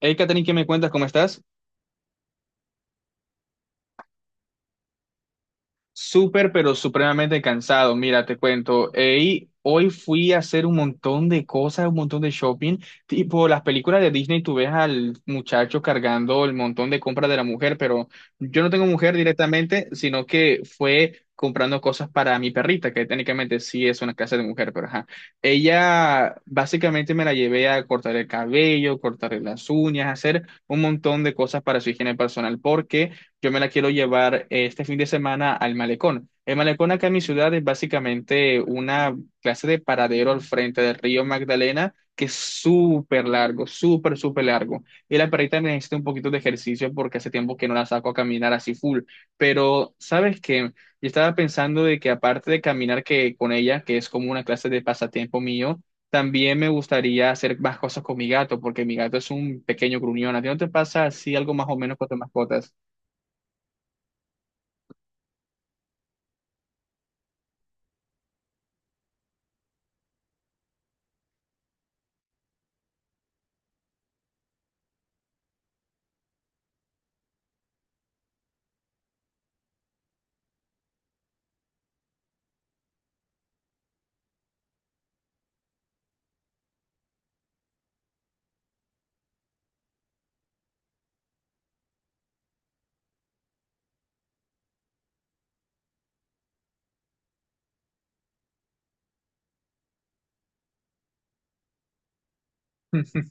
Hey, Katherine, ¿qué me cuentas? ¿Cómo estás? Súper, pero supremamente cansado. Mira, te cuento. Hey, hoy fui a hacer un montón de cosas, un montón de shopping. Tipo, las películas de Disney, tú ves al muchacho cargando el montón de compras de la mujer, pero yo no tengo mujer directamente, sino que fue comprando cosas para mi perrita, que técnicamente sí es una casa de mujer, pero ajá. Ella básicamente me la llevé a cortar el cabello, cortarle las uñas, hacer un montón de cosas para su higiene personal, porque yo me la quiero llevar este fin de semana al malecón. El malecón acá en mi ciudad es básicamente una clase de paradero al frente del río Magdalena que es súper largo, súper, súper largo. Y la perrita necesita un poquito de ejercicio porque hace tiempo que no la saco a caminar así full. Pero, ¿sabes qué? Yo estaba pensando de que aparte de caminar que con ella, que es como una clase de pasatiempo mío, también me gustaría hacer más cosas con mi gato, porque mi gato es un pequeño gruñón. ¿A ti no te pasa así algo más o menos con tus mascotas?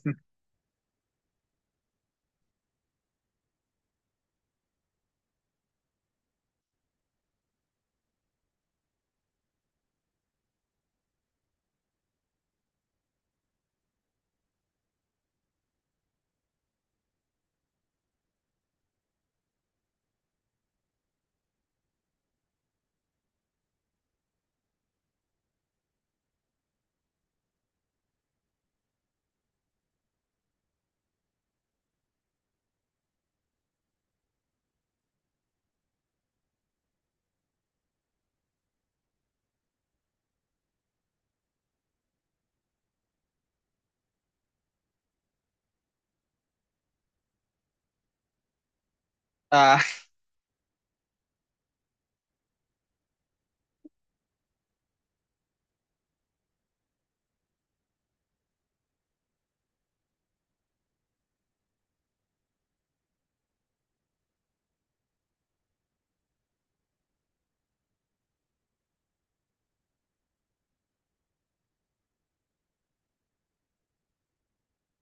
Ah,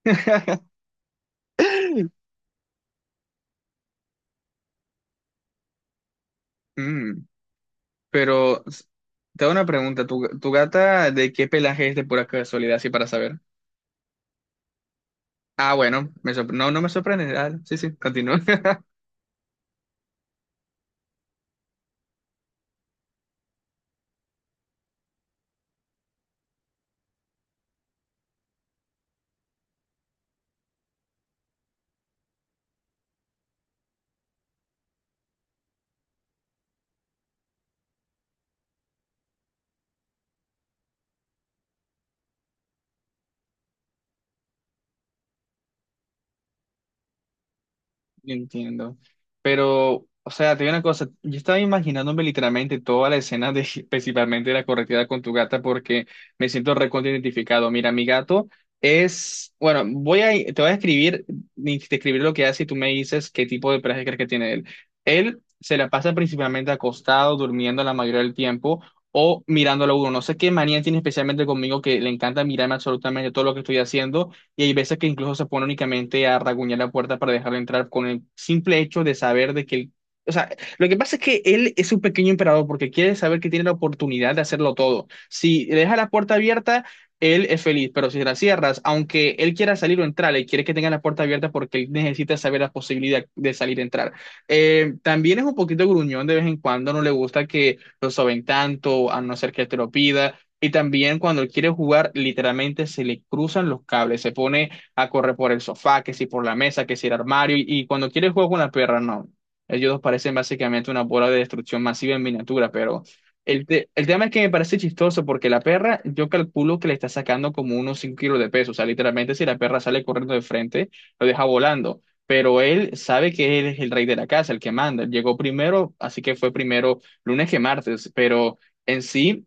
mm, pero te hago una pregunta. ¿Tu gata de qué pelaje es de pura casualidad, así para saber? Ah, bueno, no, no me sorprende. Ah, sí, sí, continúa. Entiendo. Pero, o sea, te digo una cosa, yo estaba imaginándome literalmente toda la escena de principalmente de la correteada con tu gata porque me siento recontra identificado. Mira, mi gato es, bueno, te voy a escribir, describir lo que hace y tú me dices qué tipo de traje crees que tiene él. Él se la pasa principalmente acostado, durmiendo la mayoría del tiempo o mirándolo a uno. No sé qué manía tiene especialmente conmigo que le encanta mirarme absolutamente todo lo que estoy haciendo y hay veces que incluso se pone únicamente a raguñar la puerta para dejarlo entrar con el simple hecho de saber de que él, o sea, lo que pasa es que él es un pequeño emperador porque quiere saber que tiene la oportunidad de hacerlo todo. Si le deja la puerta abierta, él es feliz, pero si la cierras, aunque él quiera salir o entrar, él quiere que tenga la puerta abierta porque él necesita saber la posibilidad de salir e entrar. También es un poquito gruñón de vez en cuando, no le gusta que lo soben tanto, a no ser que te lo pida. Y también cuando él quiere jugar, literalmente se le cruzan los cables, se pone a correr por el sofá, que si por la mesa, que si el armario, y, cuando quiere jugar con la perra, no. Ellos dos parecen básicamente una bola de destrucción masiva en miniatura, pero el tema es que me parece chistoso porque la perra, yo calculo que le está sacando como unos 5 kilos de peso, o sea, literalmente si la perra sale corriendo de frente, lo deja volando. Pero él sabe que él es el rey de la casa, el que manda. Llegó primero, así que fue primero lunes que martes, pero en sí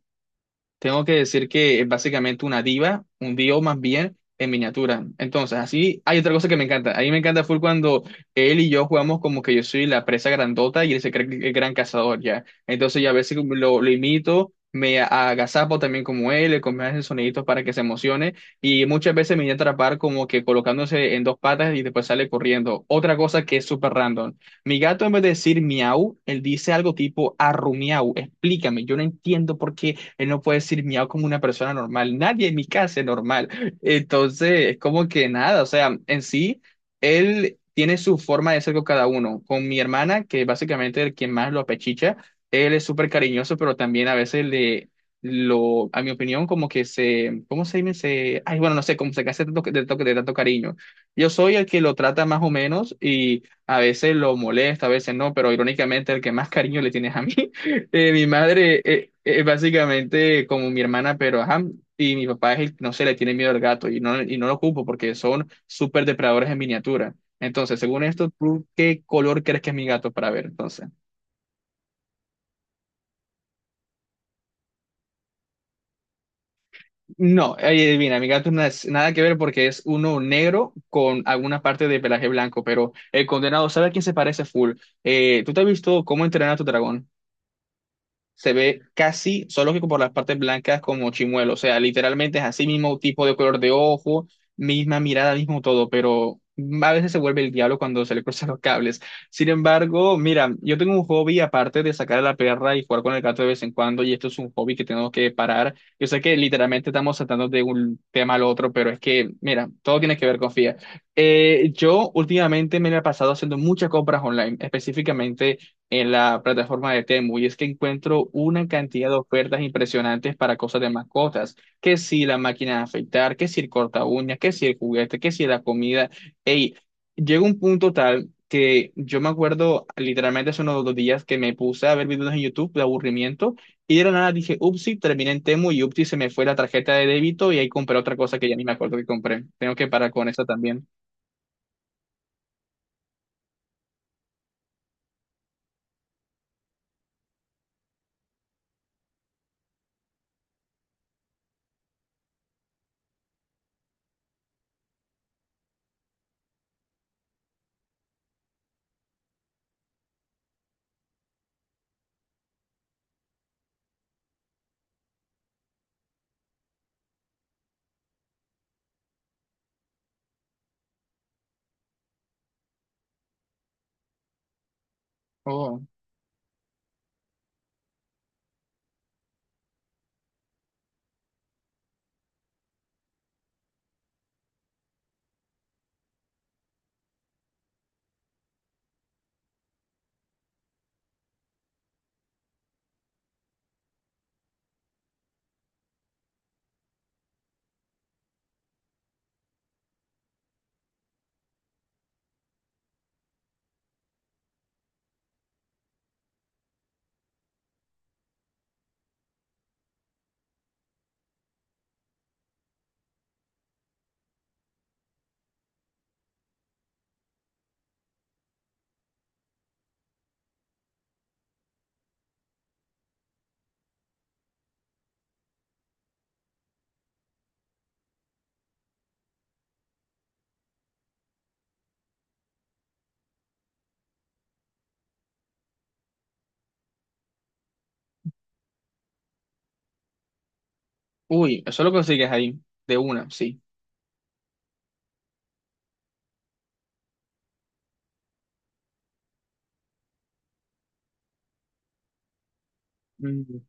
tengo que decir que es básicamente una diva, un dios más bien en miniatura. Entonces, así hay otra cosa que me encanta. A mí me encanta full cuando él y yo jugamos como que yo soy la presa grandota y él se cree el gran cazador ya. Entonces, yo a veces lo imito, me agazapo también como él, le comienzo a hacer soniditos para que se emocione y muchas veces me viene a atrapar como que colocándose en dos patas y después sale corriendo. Otra cosa que es súper random. Mi gato en vez de decir miau, él dice algo tipo arrumiau. Explícame, yo no entiendo por qué. Él no puede decir miau como una persona normal. Nadie en mi casa es normal. Entonces, es como que nada, o sea, en sí, él tiene su forma de ser con cada uno. Con mi hermana, que básicamente es quien más lo apechicha, él es súper cariñoso, pero también a veces le... Lo, a mi opinión, como que se, ¿cómo se dice? Se, ay, bueno, no sé, como se hace de tanto, de tanto cariño. Yo soy el que lo trata más o menos y a veces lo molesta, a veces no, pero irónicamente el que más cariño le tienes a mí. Mi madre es básicamente como mi hermana, pero ajá, y mi papá es que, no sé, le tiene miedo al gato y no lo ocupo porque son súper depredadores en miniatura. Entonces, según esto, ¿tú qué color crees que es mi gato para ver? Entonces, no, ahí adivina, mi gato no es nada que ver porque es uno negro con alguna parte de pelaje blanco, pero el condenado, ¿sabe a quién se parece full? ¿Tú te has visto cómo entrenar a tu dragón? Se ve casi, solo que por las partes blancas como chimuelo, o sea, literalmente es así mismo tipo de color de ojo, misma mirada, mismo todo, pero a veces se vuelve el diablo cuando se le cruzan los cables. Sin embargo, mira, yo tengo un hobby aparte de sacar a la perra y jugar con el gato de vez en cuando, y esto es un hobby que tenemos que parar. Yo sé que literalmente estamos saltando de un tema al otro, pero es que, mira, todo tiene que ver con FIA. Yo últimamente me la he pasado haciendo muchas compras online, específicamente en la plataforma de Temu y es que encuentro una cantidad de ofertas impresionantes para cosas de mascotas, que si la máquina de afeitar, que si el corta uñas, que si el juguete, que si la comida. Ey, llega un punto tal que yo me acuerdo literalmente hace unos 2 días que me puse a ver videos en YouTube de aburrimiento y de la nada dije, upsi, terminé en Temu y upsi se me fue la tarjeta de débito y ahí compré otra cosa que ya ni me acuerdo que compré. Tengo que parar con esa también. Oh. Uy, eso lo consigues ahí, de una, sí. Mm.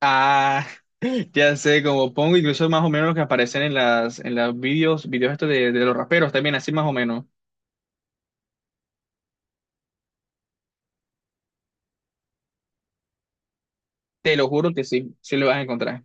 Ah. Ya sé, como pongo incluso más o menos los que aparecen en las en los videos estos de los raperos también, así más o menos. Te lo juro que sí, sí lo vas a encontrar.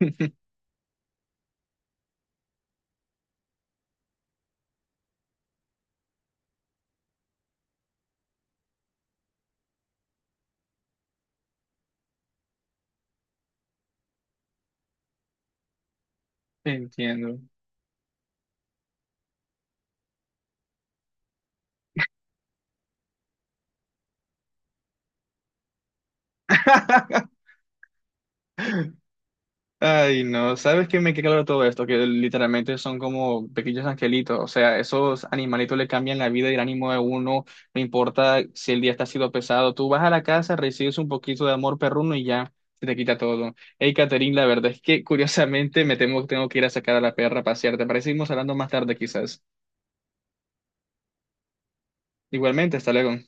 Entiendo. Ay, no, ¿sabes qué me queda claro todo esto? Que literalmente son como pequeños angelitos, o sea, esos animalitos le cambian la vida y el ánimo de uno, no importa si el día está sido pesado, tú vas a la casa, recibes un poquito de amor perruno y ya se te quita todo. Hey, Catherine, la verdad es que curiosamente me temo que tengo que ir a sacar a la perra a pasear, ¿te parece? Que seguimos hablando más tarde quizás. Igualmente, hasta luego.